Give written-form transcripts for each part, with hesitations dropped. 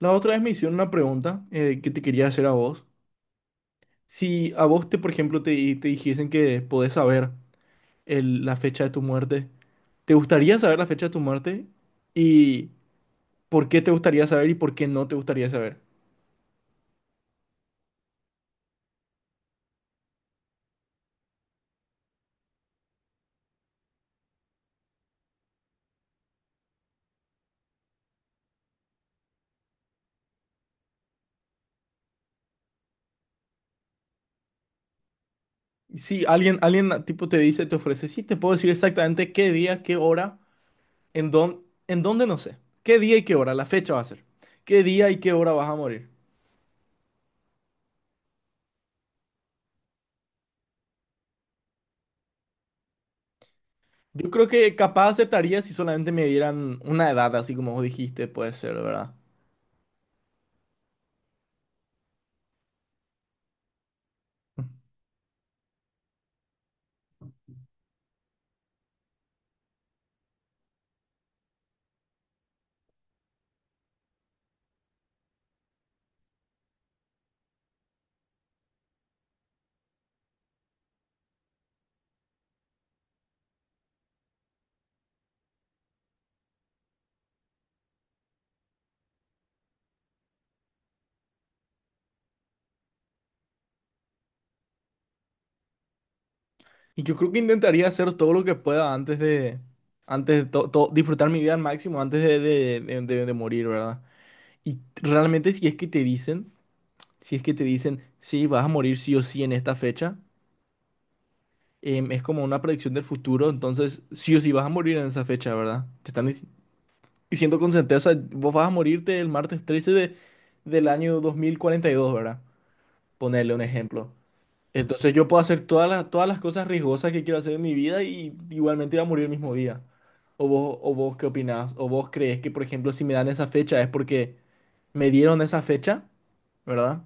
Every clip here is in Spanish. La otra vez me hicieron una pregunta que te quería hacer a vos. Si a vos, por ejemplo, te dijesen que podés saber la fecha de tu muerte, ¿te gustaría saber la fecha de tu muerte? ¿Y por qué te gustaría saber y por qué no te gustaría saber? Si alguien tipo te dice, te ofrece, sí, te puedo decir exactamente qué día, qué hora, en dónde, no sé. ¿Qué día y qué hora? La fecha va a ser. ¿Qué día y qué hora vas a morir? Yo creo que capaz aceptaría si solamente me dieran una edad, así como vos dijiste, puede ser, ¿verdad? Y yo creo que intentaría hacer todo lo que pueda antes de disfrutar mi vida al máximo, antes de morir, ¿verdad? Y realmente si es que te dicen, si es que te dicen, sí, vas a morir sí o sí en esta fecha, es como una predicción del futuro, entonces sí o sí vas a morir en esa fecha, ¿verdad? Te están diciendo con certeza, vos vas a morirte el martes 13 del año 2042, ¿verdad? Ponerle un ejemplo. Entonces yo puedo hacer todas las cosas riesgosas que quiero hacer en mi vida y igualmente iba a morir el mismo día. ¿O vos qué opinás? ¿O vos crees que, por ejemplo, si me dan esa fecha es porque me dieron esa fecha, verdad?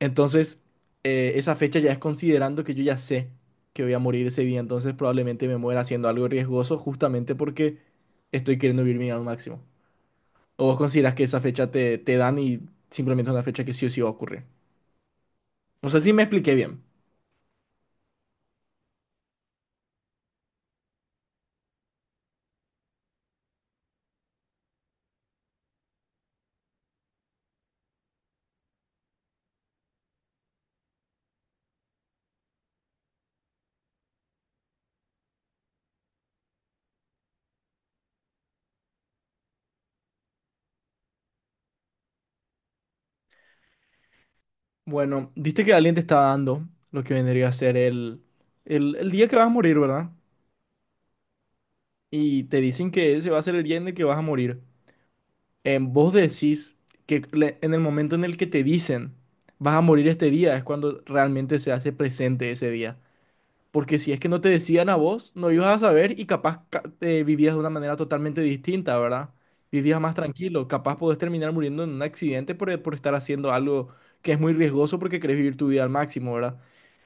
Entonces, esa fecha ya es considerando que yo ya sé que voy a morir ese día, entonces probablemente me muera haciendo algo riesgoso justamente porque estoy queriendo vivir mi vida al máximo. ¿O vos considerás que esa fecha te dan y simplemente es una fecha que sí o sí va a ocurrir? No sé si me expliqué bien. Bueno, viste que alguien te está dando lo que vendría a ser el día que vas a morir, ¿verdad? Y te dicen que ese va a ser el día en el que vas a morir. En vos decís que en el momento en el que te dicen vas a morir este día es cuando realmente se hace presente ese día. Porque si es que no te decían a vos, no ibas a saber y capaz vivías de una manera totalmente distinta, ¿verdad? Vivías más tranquilo, capaz podés terminar muriendo en un accidente por estar haciendo algo que es muy riesgoso porque querés vivir tu vida al máximo, ¿verdad?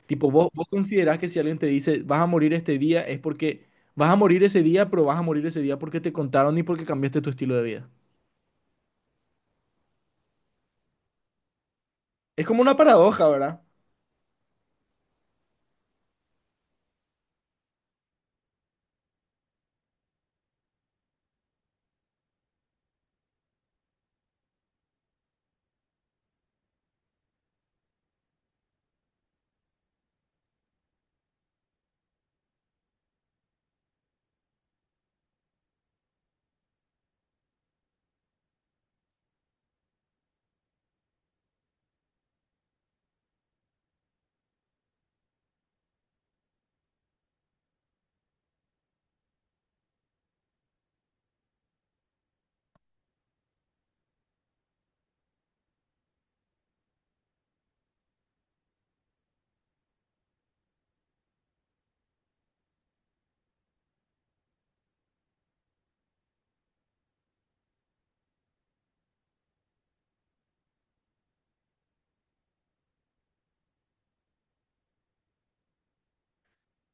Tipo, vos considerás que si alguien te dice, vas a morir este día, es porque vas a morir ese día, pero vas a morir ese día porque te contaron y porque cambiaste tu estilo de vida. Es como una paradoja, ¿verdad?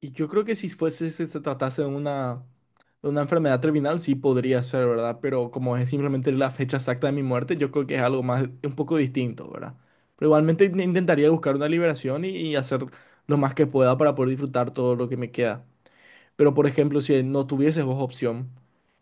Y yo creo que si fuese, si se tratase de una enfermedad terminal, sí podría ser, ¿verdad? Pero como es simplemente la fecha exacta de mi muerte, yo creo que es algo más, un poco distinto, ¿verdad? Pero igualmente intentaría buscar una liberación y hacer lo más que pueda para poder disfrutar todo lo que me queda. Pero, por ejemplo, si no tuvieses vos opción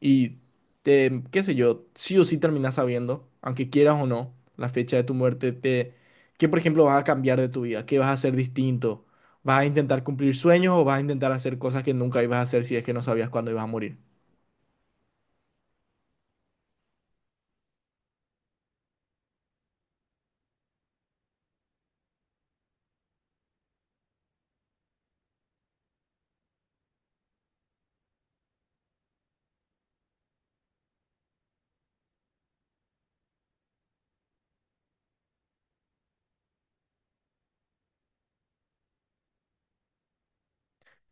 y qué sé yo, sí o sí terminás sabiendo, aunque quieras o no, la fecha de tu muerte, ¿qué, por ejemplo, vas a cambiar de tu vida? ¿Qué vas a hacer distinto? ¿Vas a intentar cumplir sueños o vas a intentar hacer cosas que nunca ibas a hacer si es que no sabías cuándo ibas a morir?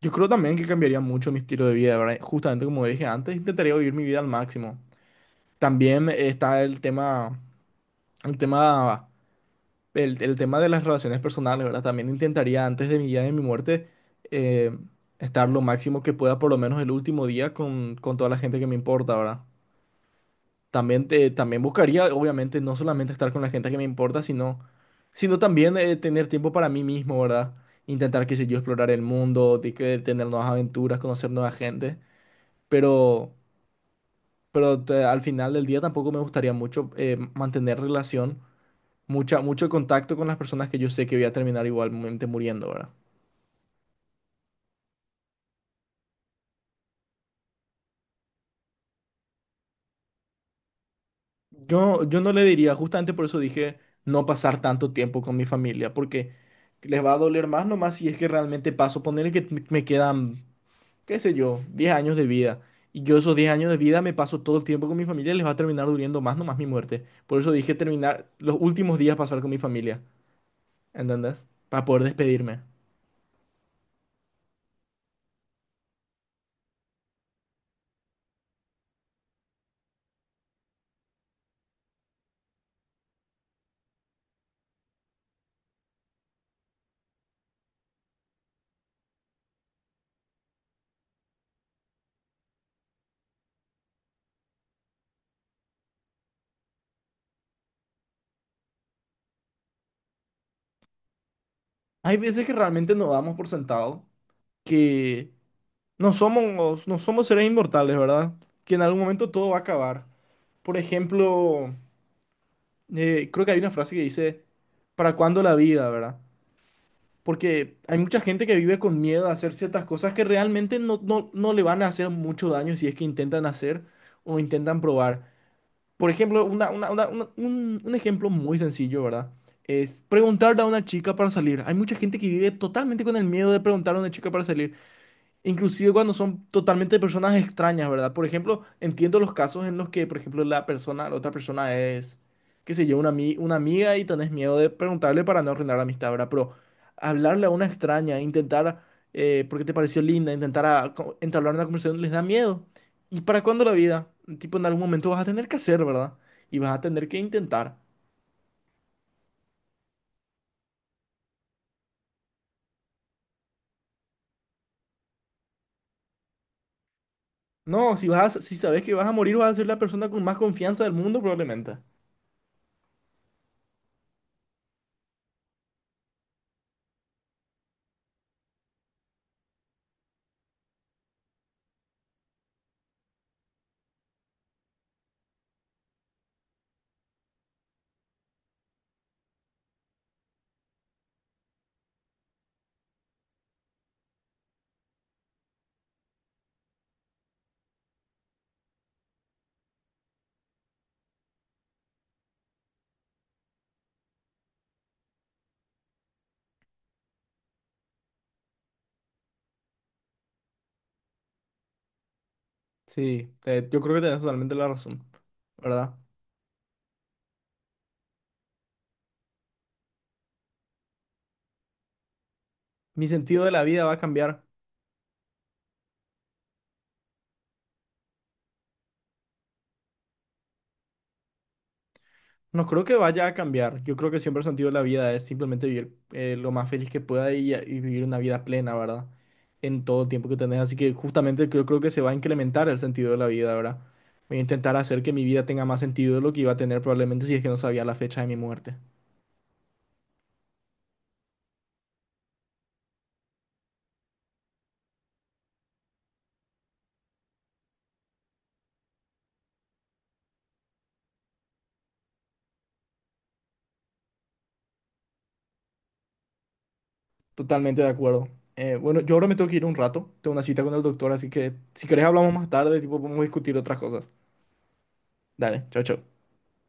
Yo creo también que cambiaría mucho mi estilo de vida, ¿verdad? Justamente como dije antes, intentaría vivir mi vida al máximo. También está el tema el tema de las relaciones personales, ¿verdad? También intentaría antes de mi día de mi muerte eh, estar lo máximo que pueda, por lo menos el último día, con toda la gente que me importa, ¿verdad? También, también buscaría, obviamente, no solamente estar con la gente que me importa, sino también tener tiempo para mí mismo, ¿verdad? Intentar, qué sé yo, explorar el mundo, de que tener nuevas aventuras, conocer nueva gente, pero, pero al final del día tampoco me gustaría mucho mantener relación mucho contacto con las personas que yo sé que voy a terminar igualmente muriendo, ¿verdad? Yo no le diría, justamente por eso dije no pasar tanto tiempo con mi familia, porque les va a doler más nomás si es que realmente paso, ponerle que me quedan, qué sé yo, 10 años de vida. Y yo esos 10 años de vida me paso todo el tiempo con mi familia, les va a terminar doliendo más nomás mi muerte. Por eso dije terminar los últimos días pasar con mi familia, ¿entendés? Para poder despedirme. Hay veces que realmente nos damos por sentado que no somos seres inmortales, ¿verdad? Que en algún momento todo va a acabar. Por ejemplo, creo que hay una frase que dice, ¿para cuándo la vida, verdad? Porque hay mucha gente que vive con miedo a hacer ciertas cosas que realmente no le van a hacer mucho daño si es que intentan hacer o intentan probar. Por ejemplo, un ejemplo muy sencillo, ¿verdad? Es preguntarle a una chica para salir. Hay mucha gente que vive totalmente con el miedo de preguntarle a una chica para salir. Inclusive cuando son totalmente personas extrañas, ¿verdad? Por ejemplo, entiendo los casos en los que, por ejemplo, la persona, la otra persona es, qué sé yo, una amiga y tenés miedo de preguntarle para no arruinar la amistad, ¿verdad? Pero hablarle a una extraña, intentar, porque te pareció linda, intentar entablar una conversación, les da miedo. ¿Y para cuándo la vida? Tipo, en algún momento vas a tener que hacer, ¿verdad? Y vas a tener que intentar. No, si si sabes que vas a morir, vas a ser la persona con más confianza del mundo, probablemente. Sí, yo creo que tenés totalmente la razón, ¿verdad? Mi sentido de la vida va a cambiar. No creo que vaya a cambiar. Yo creo que siempre el sentido de la vida es simplemente vivir lo más feliz que pueda y vivir una vida plena, ¿verdad? En todo el tiempo que tenés. Así que justamente yo creo que se va a incrementar el sentido de la vida, ¿verdad? Voy a intentar hacer que mi vida tenga más sentido de lo que iba a tener probablemente si es que no sabía la fecha de mi muerte. Totalmente de acuerdo. Bueno, yo ahora me tengo que ir un rato. Tengo una cita con el doctor, así que si querés hablamos más tarde, tipo, podemos discutir otras cosas. Dale, chao, chao.